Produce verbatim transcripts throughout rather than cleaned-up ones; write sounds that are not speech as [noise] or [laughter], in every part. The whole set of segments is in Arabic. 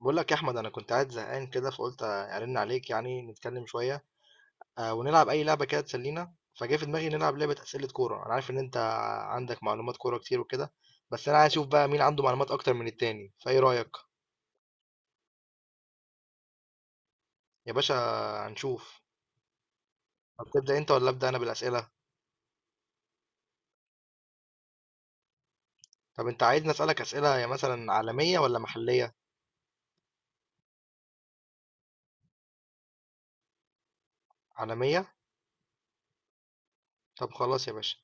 بقول لك يا احمد، انا كنت قاعد زهقان كده فقلت ارن عليك يعني نتكلم شويه. آه، ونلعب اي لعبه كده تسلينا. فجاء في دماغي نلعب لعبه اسئله كوره. انا عارف ان انت عندك معلومات كوره كتير وكده. بس انا عايز اشوف بقى مين عنده معلومات اكتر من التاني، فايه رايك؟ يا باشا، هنشوف. طب تبدا انت ولا ابدا انا بالاسئله؟ طب انت عايزني اسالك اسئله يا مثلا عالميه ولا محليه؟ عالميه. طب خلاص يا باشا.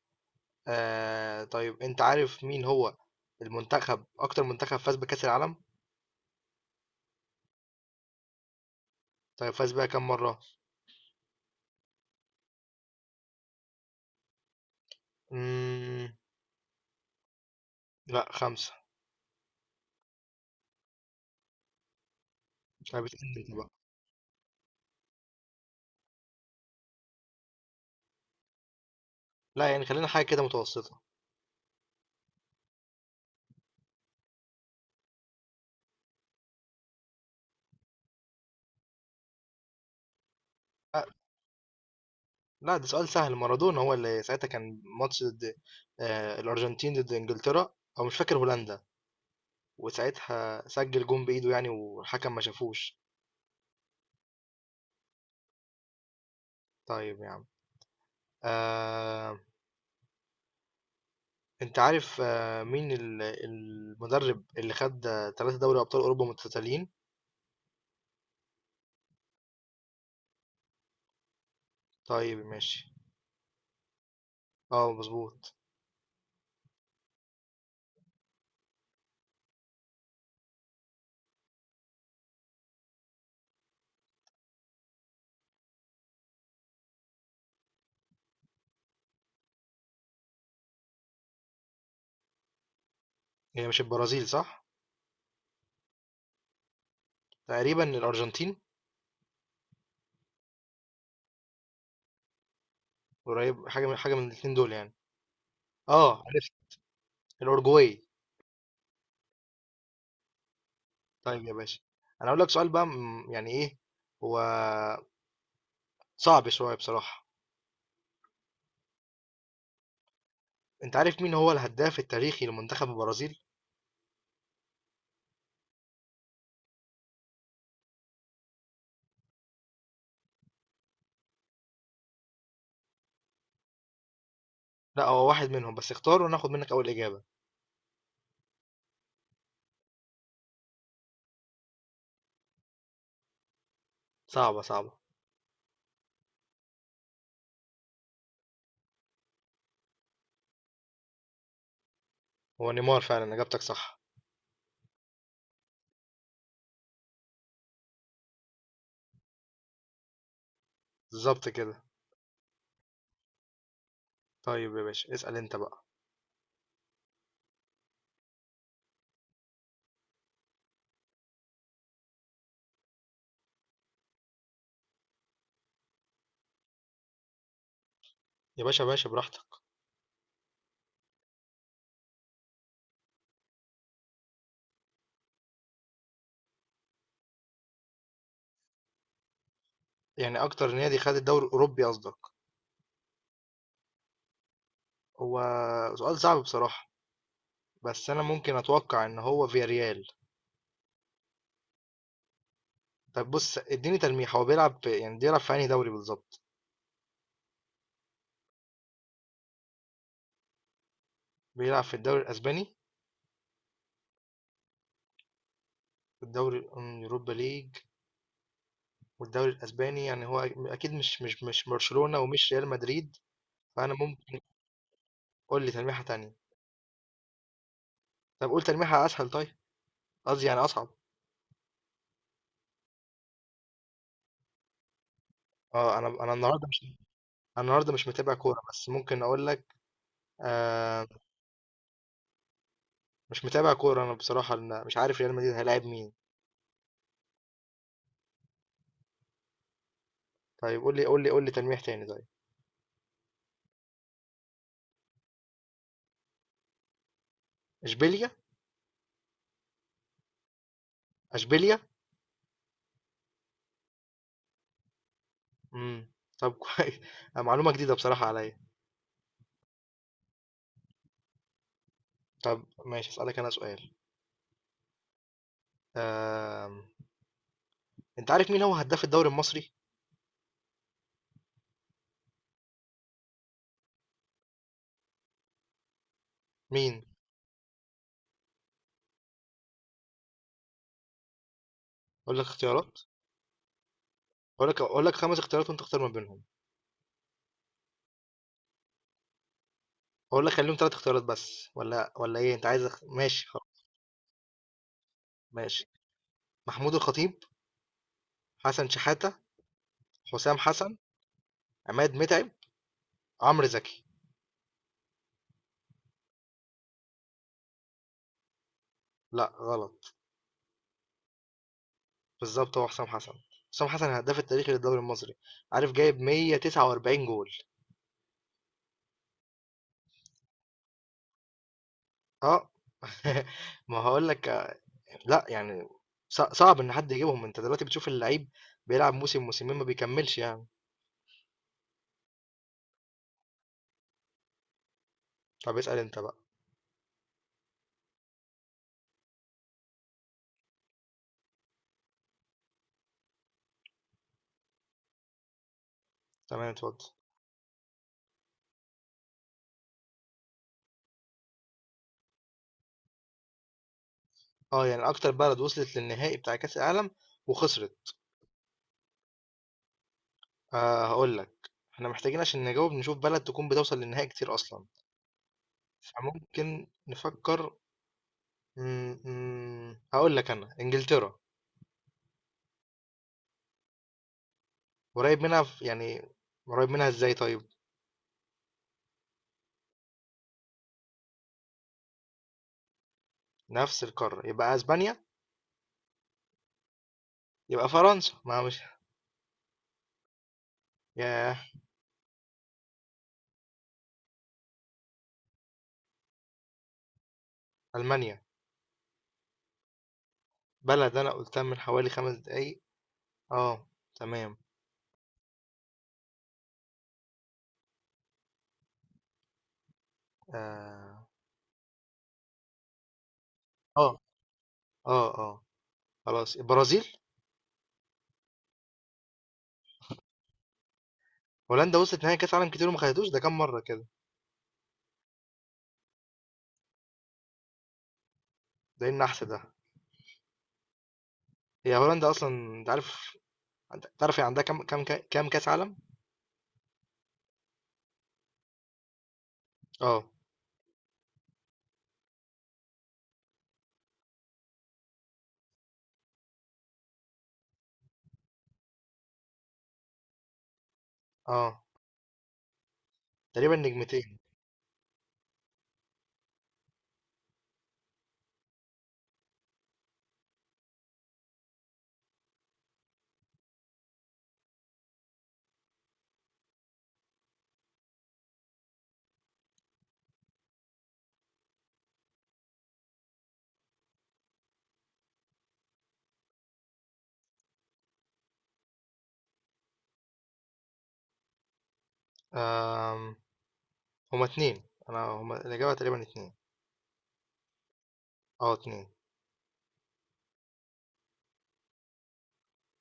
آه طيب، انت عارف مين هو المنتخب، اكتر منتخب فاز بكاس العالم؟ طيب فاز بيها كام مره؟ لأ، خمسة. لعبة أندية بقى، لأ يعني خلّينا حاجة كده متوسطة، لأ، لأ، ده سؤال سهل. مارادونا هو اللي ساعتها كان ماتش ضد آآ الأرجنتين، ضد إنجلترا أو مش فاكر هولندا، وساعتها سجّل جون بإيده يعني والحكم ما شافوش. طيب يا عم، آآ أنت عارف آه، مين ال المدرب اللي خَد ثلاثة دوري أبطال أوروبا متتاليين؟ طيب ماشي، آه مضبوط، هي مش البرازيل صح؟ تقريبًا الأرجنتين. قريب، حاجة من حاجة من الاتنين دول يعني، آه عرفت، الأورجواي. طيب يا باشا، انا اقول لك سؤال بقى، م- يعني ايه هو، صعب شويه بصراحه. انت عارف مين هو الهداف التاريخي لمنتخب البرازيل؟ لا هو واحد منهم، بس اختار وناخد منك اول اجابه. صعبه صعبه. هو نيمار فعلا، اجابتك صح. بالظبط كده. طيب يا باشا، اسال انت بقى. يا باشا يا باشا، براحتك. يعني اكتر نادي خد الدوري الاوروبي قصدك؟ هو سؤال صعب بصراحه. بس انا ممكن اتوقع ان هو فياريال. طب بص، اديني تلميح، هو بيلعب في يعني بيلعب في انهي دوري بالظبط؟ بيلعب في الدوري الاسباني. الدوري الأم- يوروبا ليج، والدوري الأسباني يعني هو أكيد مش مش مش برشلونة ومش ريال مدريد. فأنا ممكن. قول لي تلميحة تانية. طب قول تلميحة أسهل طيب، قصدي يعني أصعب. اه انا انا النهارده مش. انا النهارده مش متابع كوره، بس ممكن اقول لك. آه، مش متابع كوره انا بصراحه، أنا مش عارف ريال مدريد هيلاعب مين. طيب قول لي قول لي قول لي تلميح تاني طيب. اشبيليا؟ اشبيليا. امم. طب [laughs] كويس. آه، معلومه جديده بصراحه عليا. طب ماشي، اسالك انا سؤال. آه انت عارف مين هو هداف الدوري المصري؟ مين؟ اقول لك اختيارات. اقول لك اقول لك خمس اختيارات وانت اختار ما بينهم. اقول لك خليهم ثلاث اختيارات بس، ولا ولا ايه انت عايز أخ... ماشي خلاص. ماشي. محمود الخطيب، حسن شحاتة، حسام حسن، عماد متعب، عمرو زكي. لا غلط. بالظبط، هو حسام حسن. حسام حسن الهداف التاريخي للدوري المصري، عارف جايب مية وتسعة وأربعين جول. اه. [laughs] ما هقول لك، لا يعني ص- صعب ان حد يجيبهم. انت دلوقتي بتشوف اللعيب بيلعب موسم موسمين ما بيكملش يعني. طب اسأل انت بقى. تمام اتفضل. آه، يعني أكتر بلد وصلت للنهائي بتاع كأس العالم وخسرت؟ آه، هقول لك احنا محتاجين عشان نجاوب نشوف بلد تكون بتوصل للنهائي كتير أصلا. فممكن نفكر. م- م- هقول لك أنا إنجلترا. قريب منها في يعني، قريب منها إزاي طيب؟ نفس القارة، يبقى أسبانيا. يبقى فرنسا، ما مش. ياه. ألمانيا. بلد أنا قلتها من حوالي خمس دقايق. آه. تمام. آه آه آه آه خلاص، البرازيل. هولندا وصلت نهائي كأس عالم كتير وما خدتوش، ده كام مرة كده؟ زي النحس ده. هي هولندا اصلا، انت عارف، انت تعرف هي عندها كام كام كا- كام كاس عالم؟ اه. اه، تقريبا نجمتين. آم. هما اتنين. انا هما الاجابه تقريبا اتنين. اه، اتنين.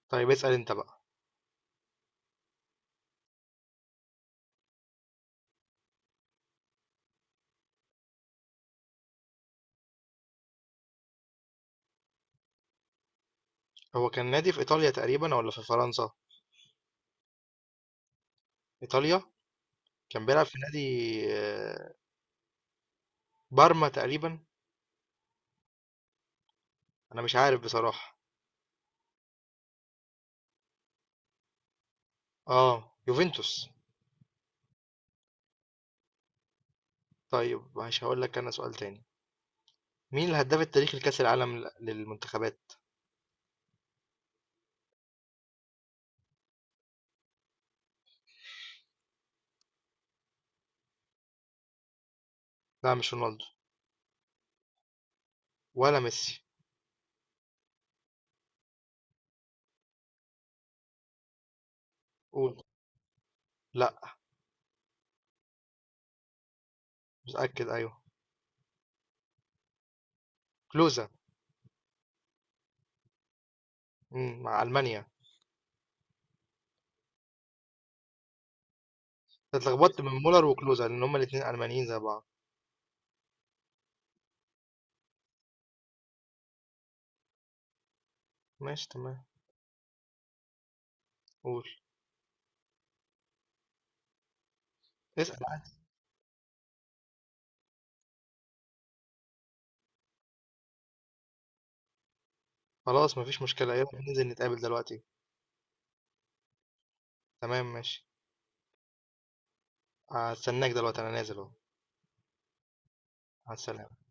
طيب اسال انت بقى. هو كان نادي في ايطاليا تقريبا ولا في فرنسا؟ ايطاليا. كان بيلعب في نادي، آه، بارما تقريبا. انا مش عارف بصراحه. اه، يوفنتوس. طيب، مش هقول لك انا سؤال تاني. مين الهداف التاريخي لكاس العالم لل- للمنتخبات؟ لا، مش رونالدو. ولا ميسي. قول. لا متأكد أيوه. كلوزا. امم مع ألمانيا. أنت اتلخبطت من مولر وكلوزا لأن هما الاتنين ألمانيين زي بعض. ماشي تمام. قول. اسأل عادي. خلاص، مفيش مشكلة، يلا ننزل نتقابل دلوقتي. تمام ماشي. هستناك دلوقتي، أنا نازل أهو. هستناك.